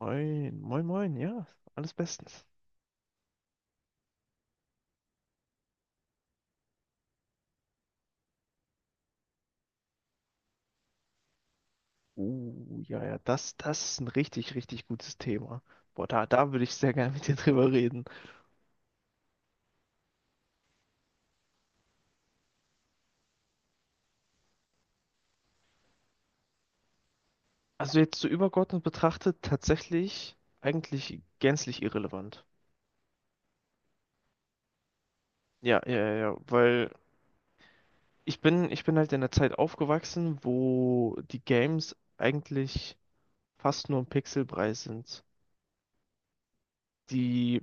Moin, moin, moin, ja, alles bestens. Das ist ein richtig gutes Thema. Da würde ich sehr gerne mit dir drüber reden. Also jetzt so übergeordnet betrachtet, tatsächlich eigentlich gänzlich irrelevant. Ja, weil ich bin halt in der Zeit aufgewachsen, wo die Games eigentlich fast nur ein Pixelbrei sind. Die,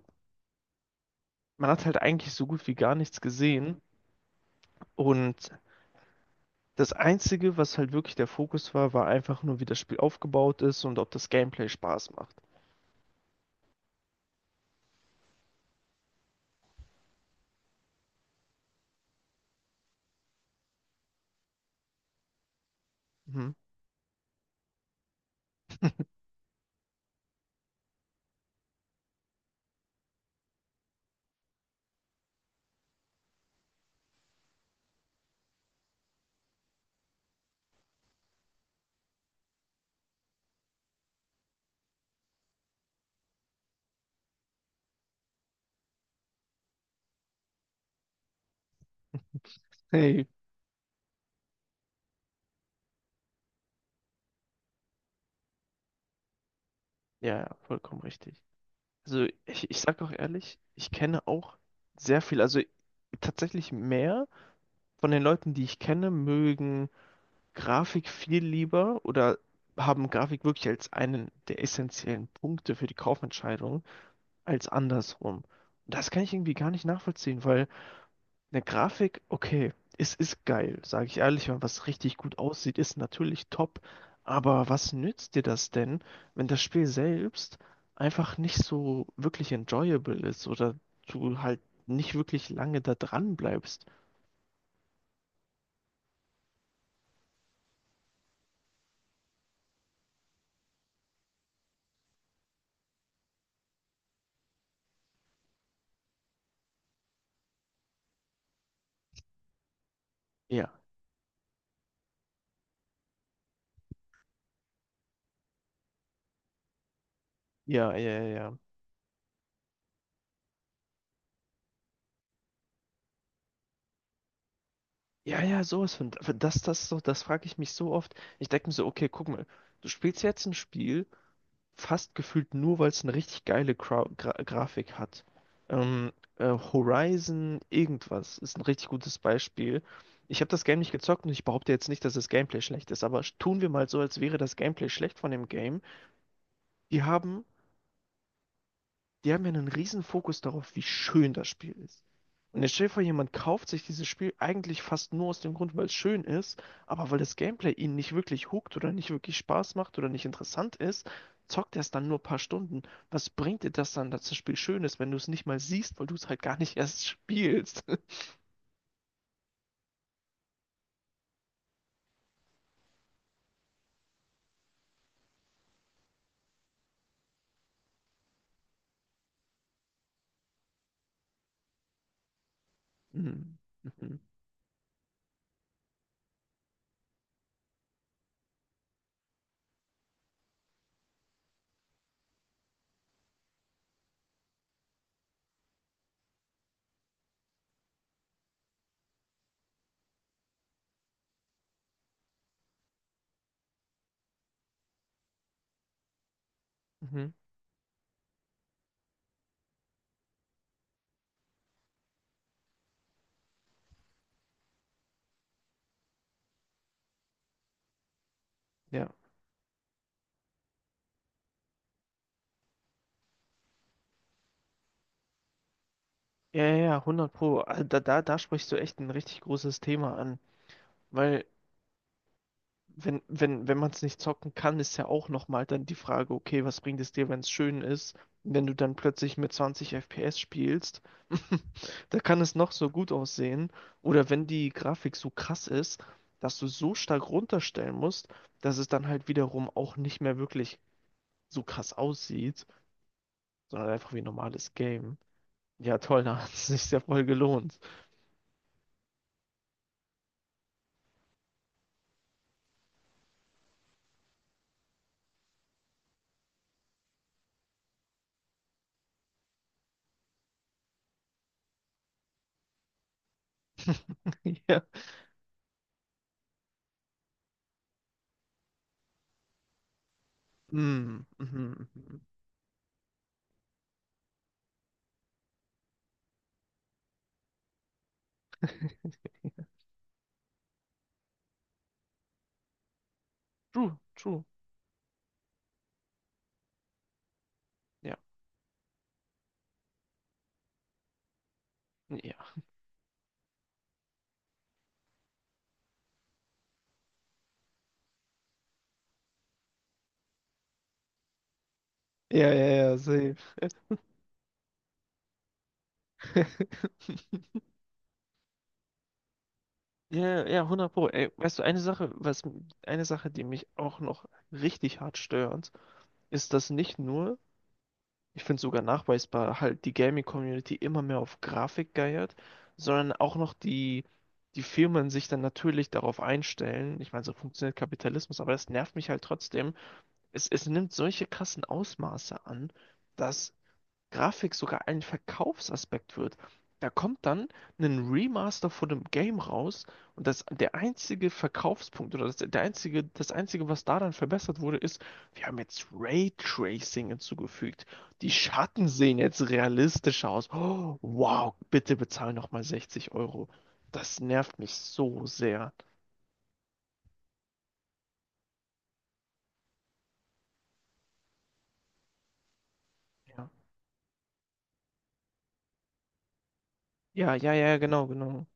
man hat halt eigentlich so gut wie gar nichts gesehen. Und das Einzige, was halt wirklich der Fokus war, war einfach nur, wie das Spiel aufgebaut ist und ob das Gameplay Spaß macht. Mhm. Hey, ja, ja, vollkommen richtig. Also ich sag auch ehrlich, ich kenne auch sehr viel, also tatsächlich mehr von den Leuten, die ich kenne, mögen Grafik viel lieber oder haben Grafik wirklich als einen der essentiellen Punkte für die Kaufentscheidung als andersrum. Und das kann ich irgendwie gar nicht nachvollziehen, weil eine Grafik, okay, es ist geil, sage ich ehrlich, wenn was richtig gut aussieht, ist natürlich top. Aber was nützt dir das denn, wenn das Spiel selbst einfach nicht so wirklich enjoyable ist oder du halt nicht wirklich lange da dran bleibst? Ja, ja, ja, ja. Ja, ja, ja, sowas von. Das frage ich mich so oft. Ich denke mir so, okay, guck mal, du spielst jetzt ein Spiel, fast gefühlt nur, weil es eine richtig geile Grau Gra Grafik hat. Horizon irgendwas ist ein richtig gutes Beispiel. Ich habe das Game nicht gezockt und ich behaupte jetzt nicht, dass das Gameplay schlecht ist, aber tun wir mal so, als wäre das Gameplay schlecht von dem Game. Die haben die haben ja einen riesen Fokus darauf, wie schön das Spiel ist. Und jetzt stell dir vor, jemand kauft sich dieses Spiel eigentlich fast nur aus dem Grund, weil es schön ist, aber weil das Gameplay ihn nicht wirklich hookt oder nicht wirklich Spaß macht oder nicht interessant ist, zockt er es dann nur ein paar Stunden. Was bringt dir das dann, dass das Spiel schön ist, wenn du es nicht mal siehst, weil du es halt gar nicht erst spielst? Mhm. Mhm. Mhm. Ja. Ja, ja, ja, 100 Pro. Also da sprichst du echt ein richtig großes Thema an. Weil wenn man es nicht zocken kann, ist ja auch nochmal dann die Frage, okay, was bringt es dir, wenn es schön ist? Wenn du dann plötzlich mit 20 FPS spielst, da kann es noch so gut aussehen. Oder wenn die Grafik so krass ist, dass du so stark runterstellen musst, dass es dann halt wiederum auch nicht mehr wirklich so krass aussieht, sondern halt einfach wie ein normales Game. Ja, toll, da hat es sich sehr voll gelohnt. Ja. Mhm, mhm. True, true. Ja, ja. Ja, ja, ja, safe. Ja, ja, 100 Pro. Ey, weißt du, eine Sache, die mich auch noch richtig hart stört, ist, dass nicht nur, ich finde sogar nachweisbar, halt die Gaming-Community immer mehr auf Grafik geiert, sondern auch noch die Firmen sich dann natürlich darauf einstellen. Ich meine, so funktioniert Kapitalismus, aber das nervt mich halt trotzdem. Es nimmt solche krassen Ausmaße an, dass Grafik sogar ein Verkaufsaspekt wird. Da kommt dann ein Remaster von dem Game raus und das, der einzige Verkaufspunkt oder das, der einzige, das einzige, was da dann verbessert wurde, ist, wir haben jetzt Raytracing hinzugefügt. Die Schatten sehen jetzt realistischer aus. Oh, wow, bitte bezahl nochmal 60 Euro. Das nervt mich so sehr. Ja, ja, ja, ja, genau, genau.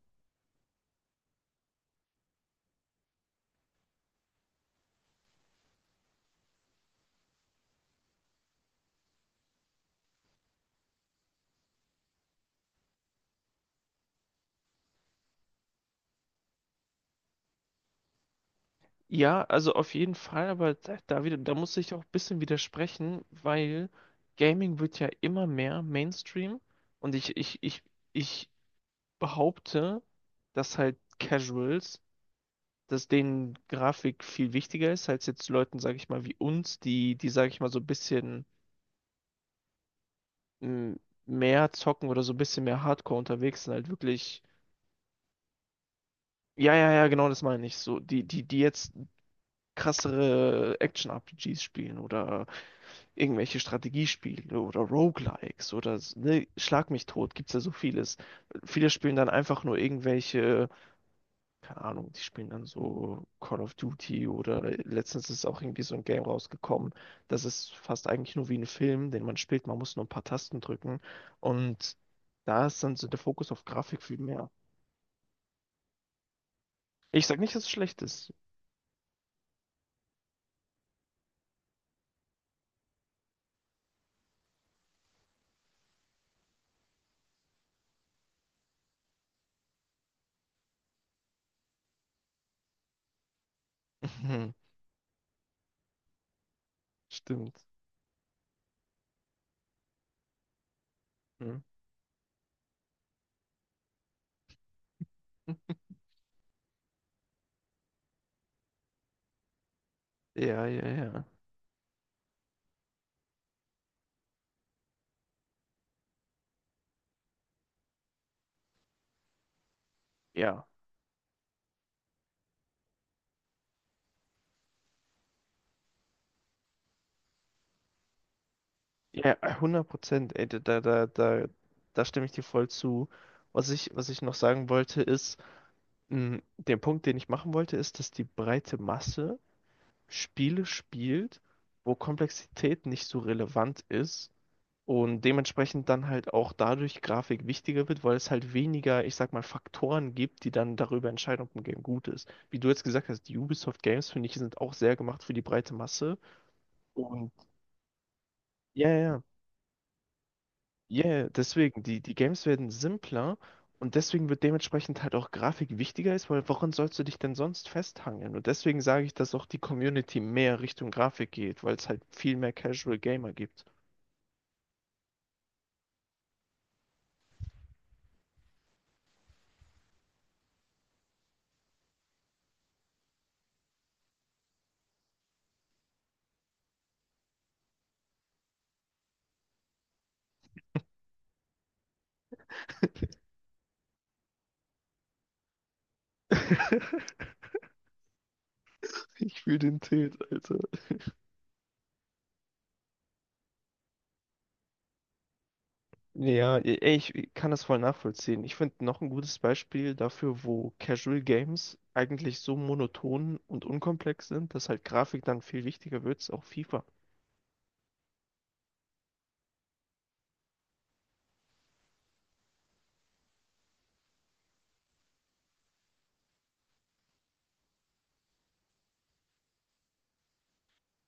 Ja, also auf jeden Fall, aber da wieder, da muss ich auch ein bisschen widersprechen, weil Gaming wird ja immer mehr Mainstream und ich behaupte, dass halt Casuals, dass denen Grafik viel wichtiger ist, als jetzt Leuten, sage ich mal, wie uns, sage ich mal, so ein bisschen m, mehr zocken oder so ein bisschen mehr Hardcore unterwegs sind, halt wirklich. Ja, ja, ja, genau das meine ich. So, die jetzt krassere Action-RPGs spielen oder irgendwelche Strategiespiele oder Roguelikes oder ne, Schlag mich tot, gibt's ja so vieles. Viele spielen dann einfach nur irgendwelche, keine Ahnung, die spielen dann so Call of Duty oder letztens ist auch irgendwie so ein Game rausgekommen. Das ist fast eigentlich nur wie ein Film, den man spielt, man muss nur ein paar Tasten drücken und da ist dann so der Fokus auf Grafik viel mehr. Ich sag nicht, dass es schlecht ist. Stimmt. Hm. Ja, ja, ja. Ja. Ja, 100%, ey, da stimme ich dir voll zu. Was ich noch sagen wollte, ist, den Punkt, den ich machen wollte, ist, dass die breite Masse Spiele spielt, wo Komplexität nicht so relevant ist und dementsprechend dann halt auch dadurch Grafik wichtiger wird, weil es halt weniger, ich sag mal, Faktoren gibt, die dann darüber entscheiden, ob ein Game gut ist. Wie du jetzt gesagt hast, die Ubisoft Games, finde ich, sind auch sehr gemacht für die breite Masse. Und ja, ja, Ja, yeah, deswegen, die, die Games werden simpler und deswegen wird dementsprechend halt auch Grafik wichtiger ist, weil woran sollst du dich denn sonst festhangeln? Und deswegen sage ich, dass auch die Community mehr Richtung Grafik geht, weil es halt viel mehr Casual Gamer gibt. Ich fühle den Tilt, Alter. Ja, ey, ich kann das voll nachvollziehen. Ich finde noch ein gutes Beispiel dafür, wo Casual Games eigentlich so monoton und unkomplex sind, dass halt Grafik dann viel wichtiger wird, ist auch FIFA.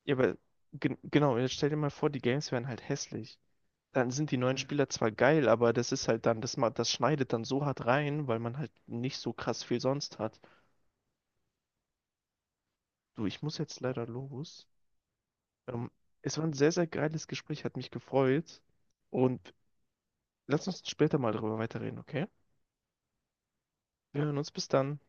Ja, aber genau, jetzt stell dir mal vor, die Games wären halt hässlich. Dann sind die neuen Spieler zwar geil, aber das ist halt dann, das schneidet dann so hart rein, weil man halt nicht so krass viel sonst hat. Du, ich muss jetzt leider los. Ähm, es war ein sehr geiles Gespräch, hat mich gefreut. Und lass uns später mal darüber weiterreden, okay? Wir hören uns bis dann.